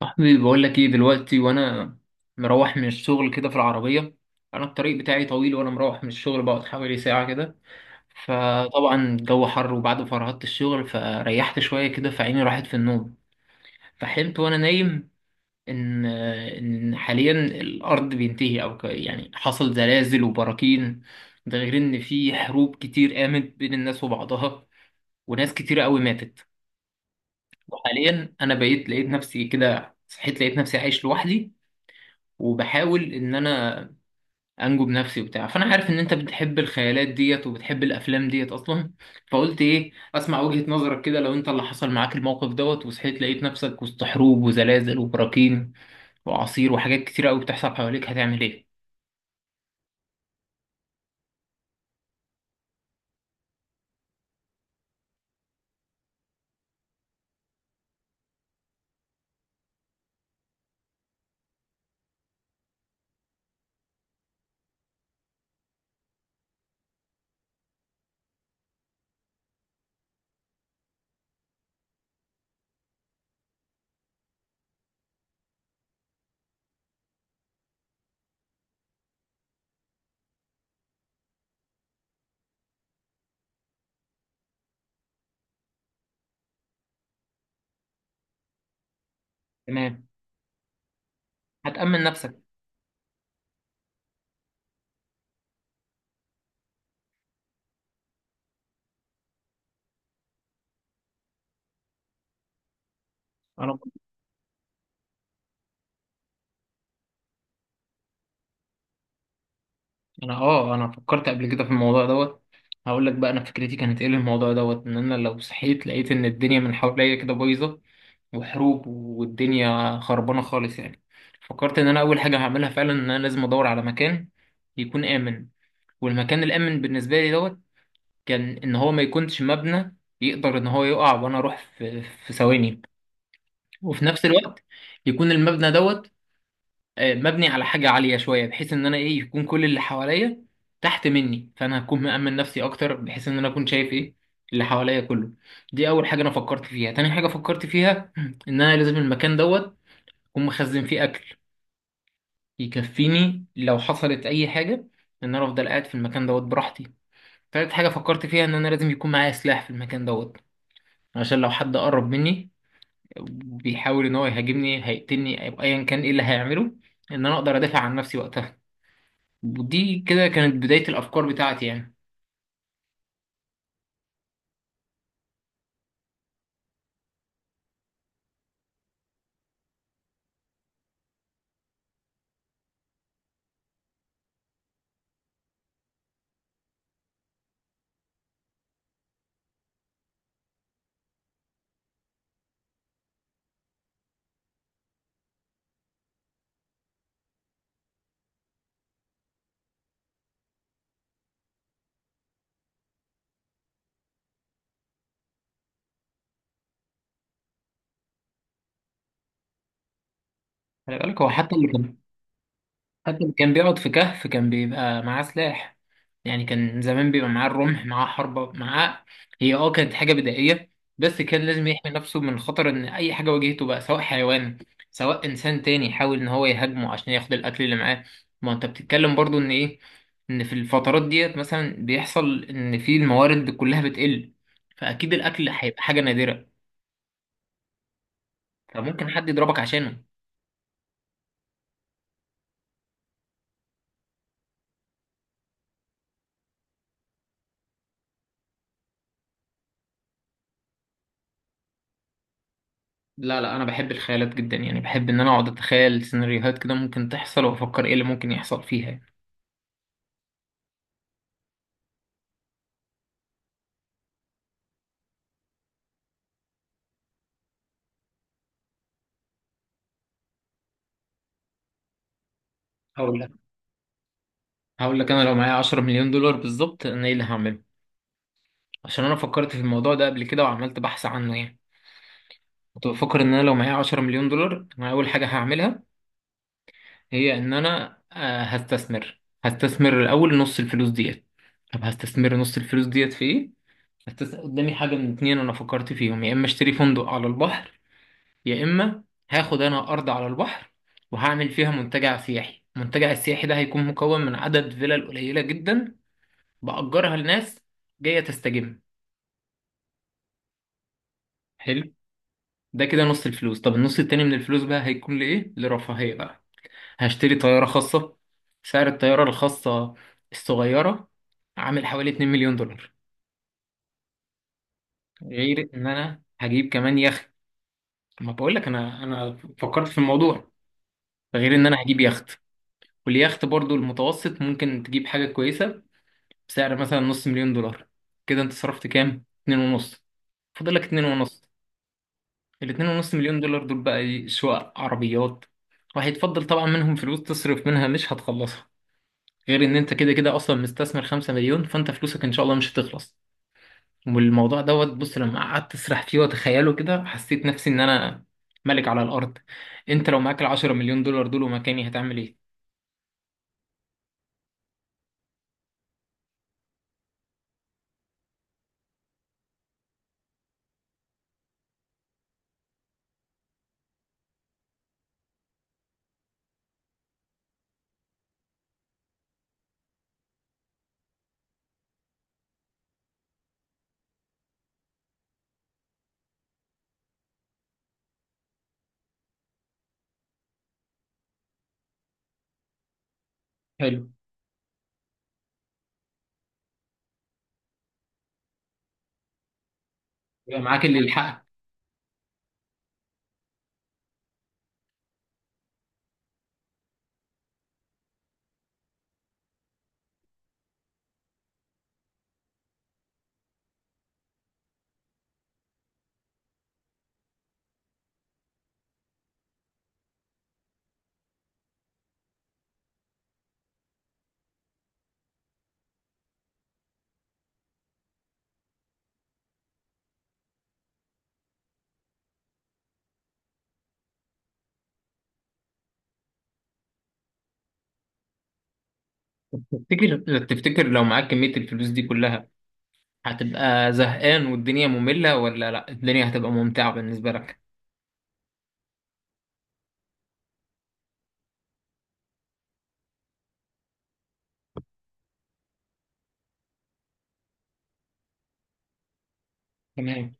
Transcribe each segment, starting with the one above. صاحبي بقول لك ايه دلوقتي، وانا مروح من الشغل كده في العربيه. انا الطريق بتاعي طويل، وانا مروح من الشغل بقعد حوالي ساعه كده. فطبعا الجو حر، وبعد ما فرهدت الشغل فريحت شويه كده، فعيني راحت في النوم. فحلمت وانا نايم ان حاليا الارض بينتهي، او يعني حصل زلازل وبراكين. ده غير ان في حروب كتير قامت بين الناس وبعضها، وناس كتير قوي ماتت. وحاليا انا بقيت لقيت نفسي كده، صحيت لقيت نفسي عايش لوحدي، وبحاول ان انا انجو بنفسي وبتاع. فانا عارف ان انت بتحب الخيالات ديت وبتحب الافلام ديت اصلا، فقلت ايه، اسمع وجهة نظرك كده. لو انت اللي حصل معاك الموقف دوت، وصحيت لقيت نفسك وسط حروب وزلازل وبراكين واعاصير وحاجات كتيرة قوي بتحصل حواليك، هتعمل ايه؟ تمام، هتأمن نفسك. انا انا فكرت قبل كده في الموضوع دوت. هقول لك بقى انا فكرتي كانت ايه للموضوع دوت. ان انا لو صحيت لقيت ان الدنيا من حواليا كده بايظه وحروب والدنيا خربانة خالص يعني، فكرت إن أنا أول حاجة هعملها فعلا إن أنا لازم أدور على مكان يكون آمن. والمكان الآمن بالنسبة لي دوت كان إن هو ما يكونش مبنى يقدر إن هو يقع وأنا أروح في ثواني. وفي نفس الوقت يكون المبنى دوت، مبني على حاجة عالية شوية، بحيث إن أنا إيه يكون كل اللي حواليا تحت مني، فأنا هكون مأمن نفسي أكتر، بحيث إن أنا أكون شايف إيه اللي حواليا كله. دي أول حاجة أنا فكرت فيها. تاني حاجة فكرت فيها إن أنا لازم المكان دوت أقوم مخزن فيه أكل يكفيني لو حصلت أي حاجة، إن أنا أفضل قاعد في المكان دوت براحتي. تالت حاجة فكرت فيها إن أنا لازم يكون معايا سلاح في المكان دوت، عشان لو حد قرب مني بيحاول إن هو يهاجمني هيقتلني أو أيا كان إيه اللي هيعمله، إن أنا أقدر أدافع عن نفسي وقتها. ودي كده كانت بداية الأفكار بتاعتي يعني. خلي بالك، هو حتى اللي كان، حتى اللي كان بيقعد في كهف كان بيبقى معاه سلاح. يعني كان زمان بيبقى معاه الرمح، معاه حربة معاه. هي كانت حاجة بدائية، بس كان لازم يحمي نفسه من خطر ان اي حاجة واجهته بقى، سواء حيوان، سواء انسان تاني يحاول ان هو يهاجمه عشان ياخد الاكل اللي معاه. ما انت بتتكلم برضو ان ايه، ان في الفترات ديت مثلا بيحصل ان في الموارد كلها بتقل، فاكيد الاكل هيبقى حاجة نادرة، فممكن حد يضربك عشانه. لا لا، انا بحب الخيالات جدا، يعني بحب ان انا اقعد اتخيل سيناريوهات كده ممكن تحصل، وافكر ايه اللي ممكن يحصل فيها. او هقول لك انا لو معايا 10 مليون دولار بالظبط انا ايه اللي هعمله. عشان انا فكرت في الموضوع ده قبل كده، وعملت بحث عنه يعني. كنت بفكر ان انا لو معايا 10 مليون دولار انا اول حاجه هعملها هي ان انا هستثمر الاول نص الفلوس ديت. طب هستثمر نص الفلوس ديت في ايه؟ قدامي حاجه من اتنين انا فكرت فيهم. يا اما اشتري فندق على البحر، يا اما هاخد انا ارض على البحر وهعمل فيها منتجع سياحي. المنتجع السياحي ده هيكون مكون من عدد فيلل قليله جدا بأجرها لناس جايه تستجم. حلو. ده كده نص الفلوس. طب النص التاني من الفلوس بقى هيكون لإيه؟ لرفاهية بقى. هشتري طيارة خاصة. سعر الطيارة الخاصة الصغيرة عامل حوالي 2 مليون دولار. غير ان انا هجيب كمان يخت. ما بقول لك انا فكرت في الموضوع. غير ان انا هجيب يخت. واليخت برضو المتوسط ممكن تجيب حاجة كويسة بسعر مثلا نص مليون دولار. كده انت صرفت كام؟ اتنين ونص. فاضل لك اتنين ونص. الاتنين ونص مليون دولار دول بقى ايه؟ شقق، عربيات. وهيتفضل طبعا منهم فلوس تصرف منها مش هتخلصها. غير ان انت كده كده اصلا مستثمر 5 مليون، فانت فلوسك ان شاء الله مش هتخلص. والموضوع دوت، بص، لما قعدت اسرح فيه واتخيله كده، حسيت نفسي ان انا ملك على الارض. انت لو معاك ال10 مليون دولار دول ومكاني هتعمل ايه؟ حلو. يبقى معاك اللي يلحقك. تفتكر، تفتكر لو معاك كمية الفلوس دي كلها هتبقى زهقان والدنيا مملة، ولا لا الدنيا هتبقى ممتعة بالنسبة لك؟ تمام.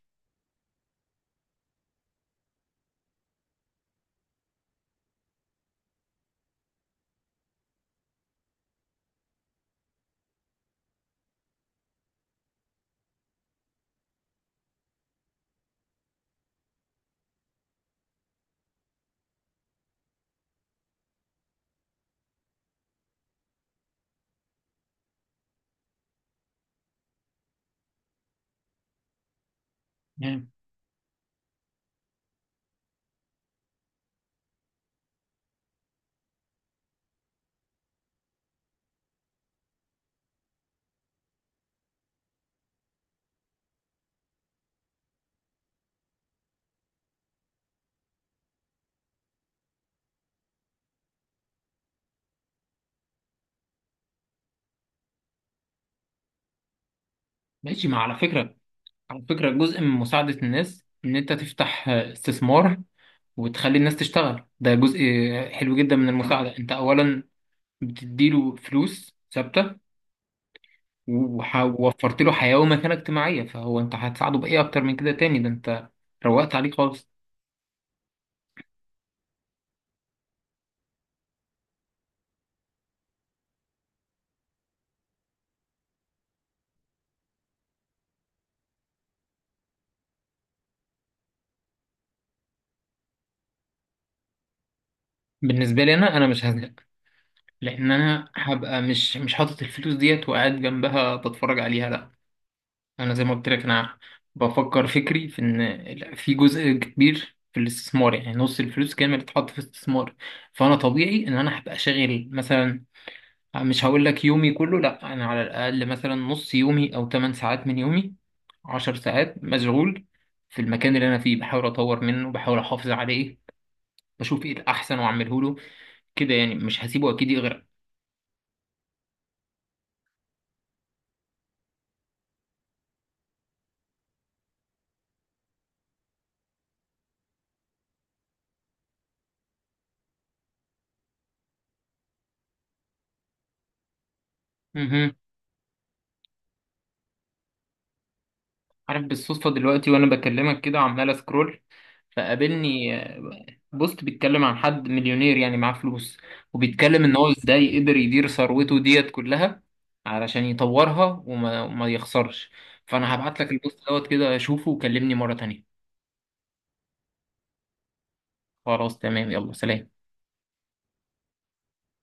تمام. ماشي. ما على فكرة، جزء من مساعدة الناس إن أنت تفتح استثمار وتخلي الناس تشتغل. ده جزء حلو جدا من المساعدة. أنت أولا بتديله فلوس ثابتة، ووفرت له حياة ومكانة اجتماعية، فهو أنت هتساعده بإيه أكتر من كده تاني؟ ده أنت روقت عليه خالص. بالنسبة لي أنا، أنا مش هزهق، لأن أنا هبقى مش حاطط الفلوس ديت وقاعد جنبها بتفرج عليها. لأ، زي ما قلت لك، انا بفكر فكري في ان في جزء كبير في الاستثمار. يعني نص الفلوس كامل تتحط في الاستثمار. فانا طبيعي ان انا هبقى شاغل مثلا. مش هقول لك يومي كله لا، انا على الاقل مثلا نص يومي او 8 ساعات من يومي، 10 ساعات مشغول في المكان اللي انا فيه، بحاول اطور منه، بحاول احافظ عليه، بشوف ايه الاحسن واعمله له، كده يعني. مش هسيبه اكيد يغرق. مهم. عارف، بالصدفة دلوقتي وانا بكلمك كده عمال اسكرول، فقابلني بوست بيتكلم عن حد مليونير، يعني معاه فلوس، وبيتكلم ان هو ازاي قدر يدير ثروته ديت كلها علشان يطورها وما يخسرش. فانا هبعت لك البوست دوت كده، شوفه وكلمني مرة تانية. خلاص تمام، يلا سلام.